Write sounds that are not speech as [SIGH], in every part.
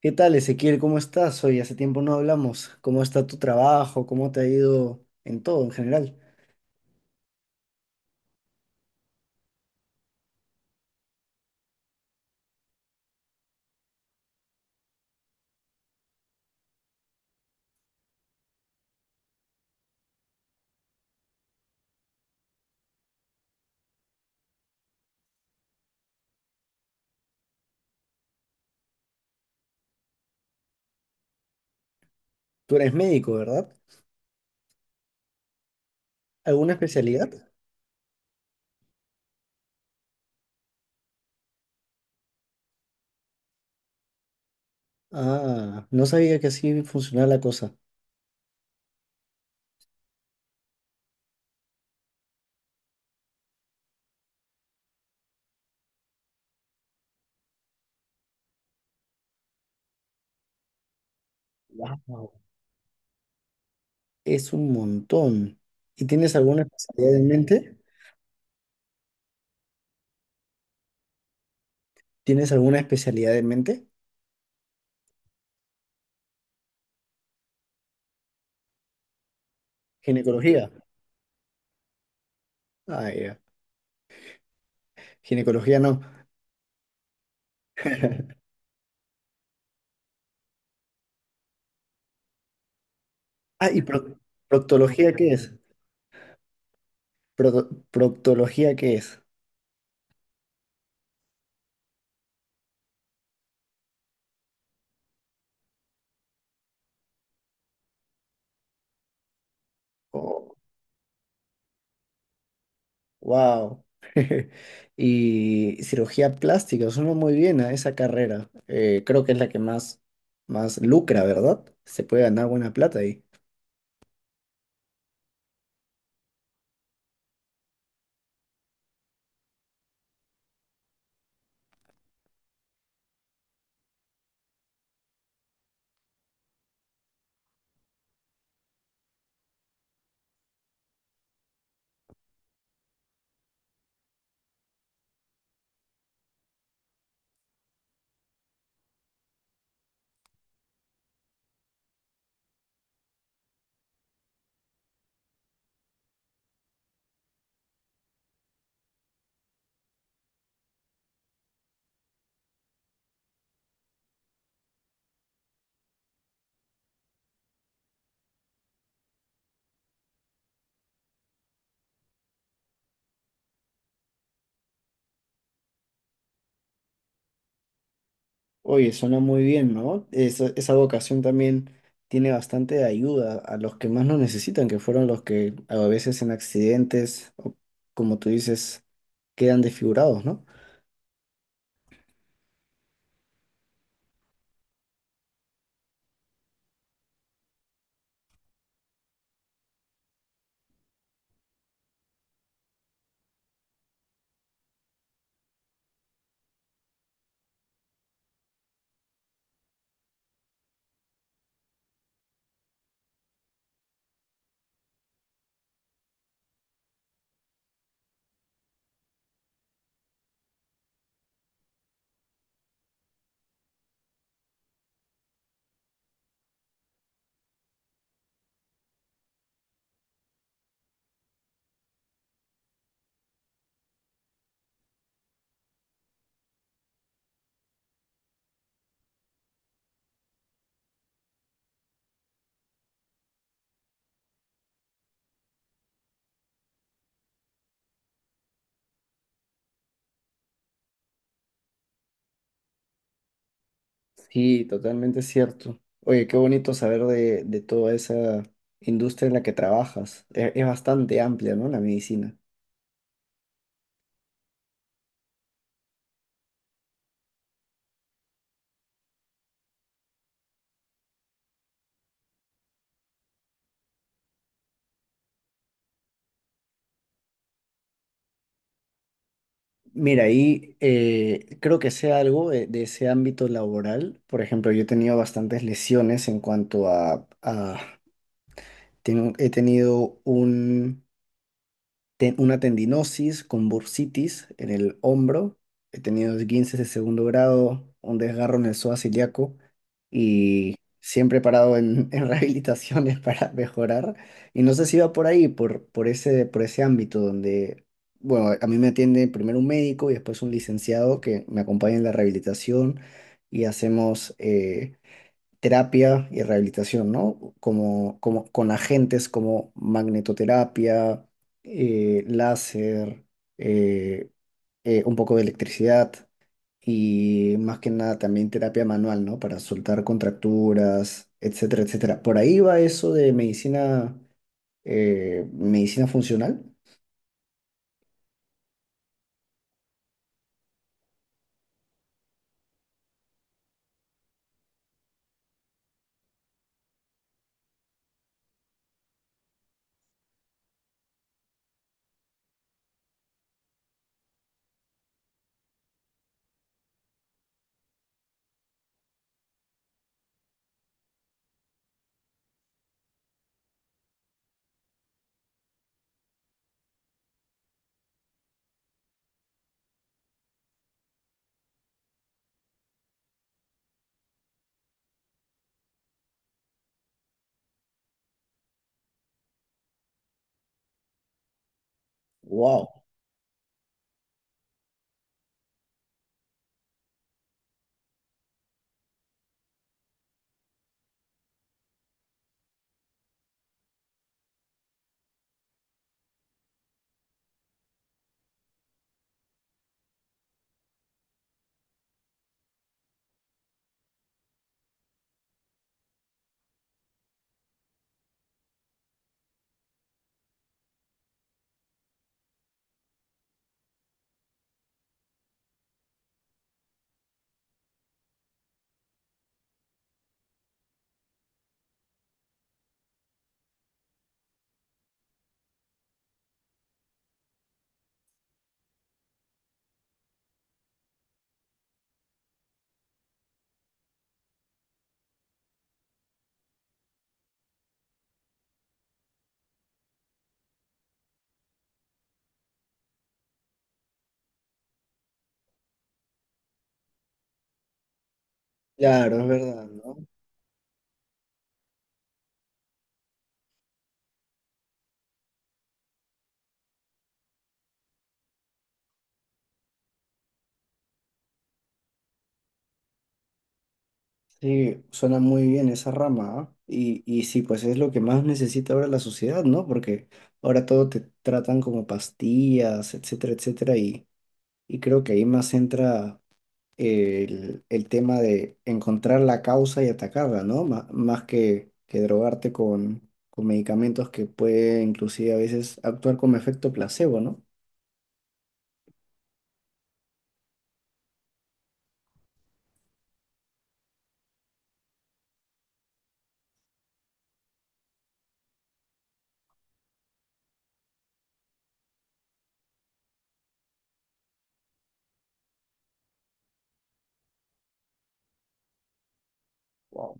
¿Qué tal, Ezequiel? ¿Cómo estás? Hoy hace tiempo no hablamos. ¿Cómo está tu trabajo? ¿Cómo te ha ido en todo, en general? Tú eres médico, ¿verdad? ¿Alguna especialidad? Ah, no sabía que así funcionaba la cosa. Wow, es un montón. ¿Y tienes alguna especialidad en mente? ¿Tienes alguna especialidad en mente? Ginecología. Ah, ya. Ginecología no. [LAUGHS] Ah, ¿y proctología qué es? ¿Proctología qué es? Wow. [LAUGHS] Y cirugía plástica, suena muy bien a esa carrera. Creo que es la más lucra, ¿verdad? Se puede ganar buena plata ahí. Oye, suena muy bien, ¿no? Esa vocación también tiene bastante ayuda a los que más lo necesitan, que fueron los que a veces en accidentes, o como tú dices, quedan desfigurados, ¿no? Sí, totalmente cierto. Oye, qué bonito saber de toda esa industria en la que trabajas. Es bastante amplia, ¿no? La medicina. Mira, ahí creo que sé algo de ese ámbito laboral. Por ejemplo, yo he tenido bastantes lesiones en cuanto a... he tenido una tendinosis con bursitis en el hombro, he tenido esguinces de segundo grado, un desgarro en el psoas ilíaco y siempre he parado [LAUGHS] en rehabilitaciones para mejorar. Y no sé si va por ahí, por ese ámbito donde, bueno, a mí me atiende primero un médico y después un licenciado que me acompaña en la rehabilitación y hacemos... terapia y rehabilitación, ¿no? Como con agentes como magnetoterapia, láser, eh, un poco de electricidad y más que nada también terapia manual, ¿no? Para soltar contracturas, etcétera, etcétera. Por ahí va eso de medicina, medicina funcional. Wow. Claro, es verdad, ¿no? Sí, suena muy bien esa rama, ¿ah? Y sí, pues es lo que más necesita ahora la sociedad, ¿no? Porque ahora todo te tratan como pastillas, etcétera, etcétera, y creo que ahí más entra el tema de encontrar la causa y atacarla, ¿no? Más que drogarte con medicamentos que puede inclusive a veces actuar como efecto placebo, ¿no? Wow.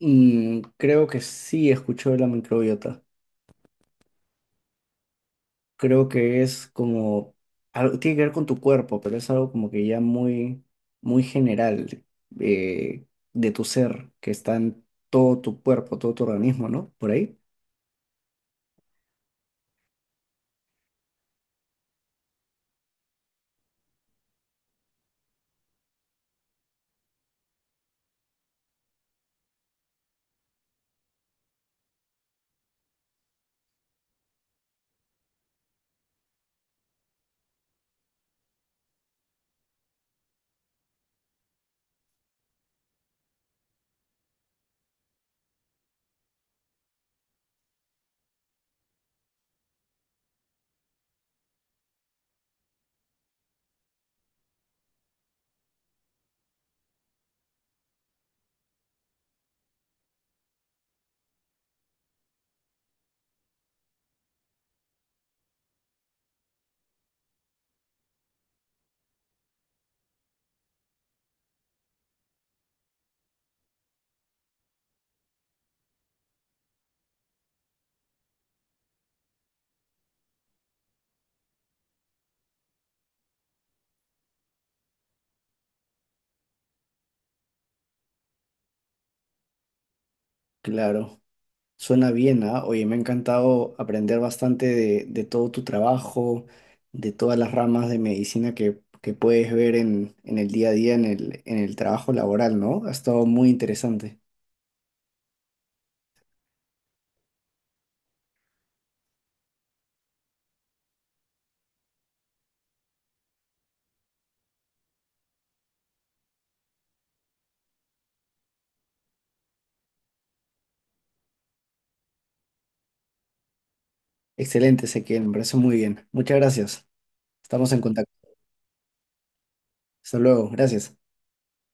Mm, creo que sí escuchó de la microbiota. Creo que es como, algo, tiene que ver con tu cuerpo, pero es algo como que ya muy, muy general eh, de tu ser, que está en todo tu cuerpo, todo tu organismo, ¿no? Por ahí. Claro, suena bien, ¿ah? Oye, me ha encantado aprender bastante de todo tu trabajo, de todas las ramas de medicina que puedes ver en el día a día, en el trabajo laboral, ¿no? Ha estado muy interesante. Excelente, Ezequiel, me parece muy bien. Muchas gracias. Estamos en contacto. Hasta luego, gracias.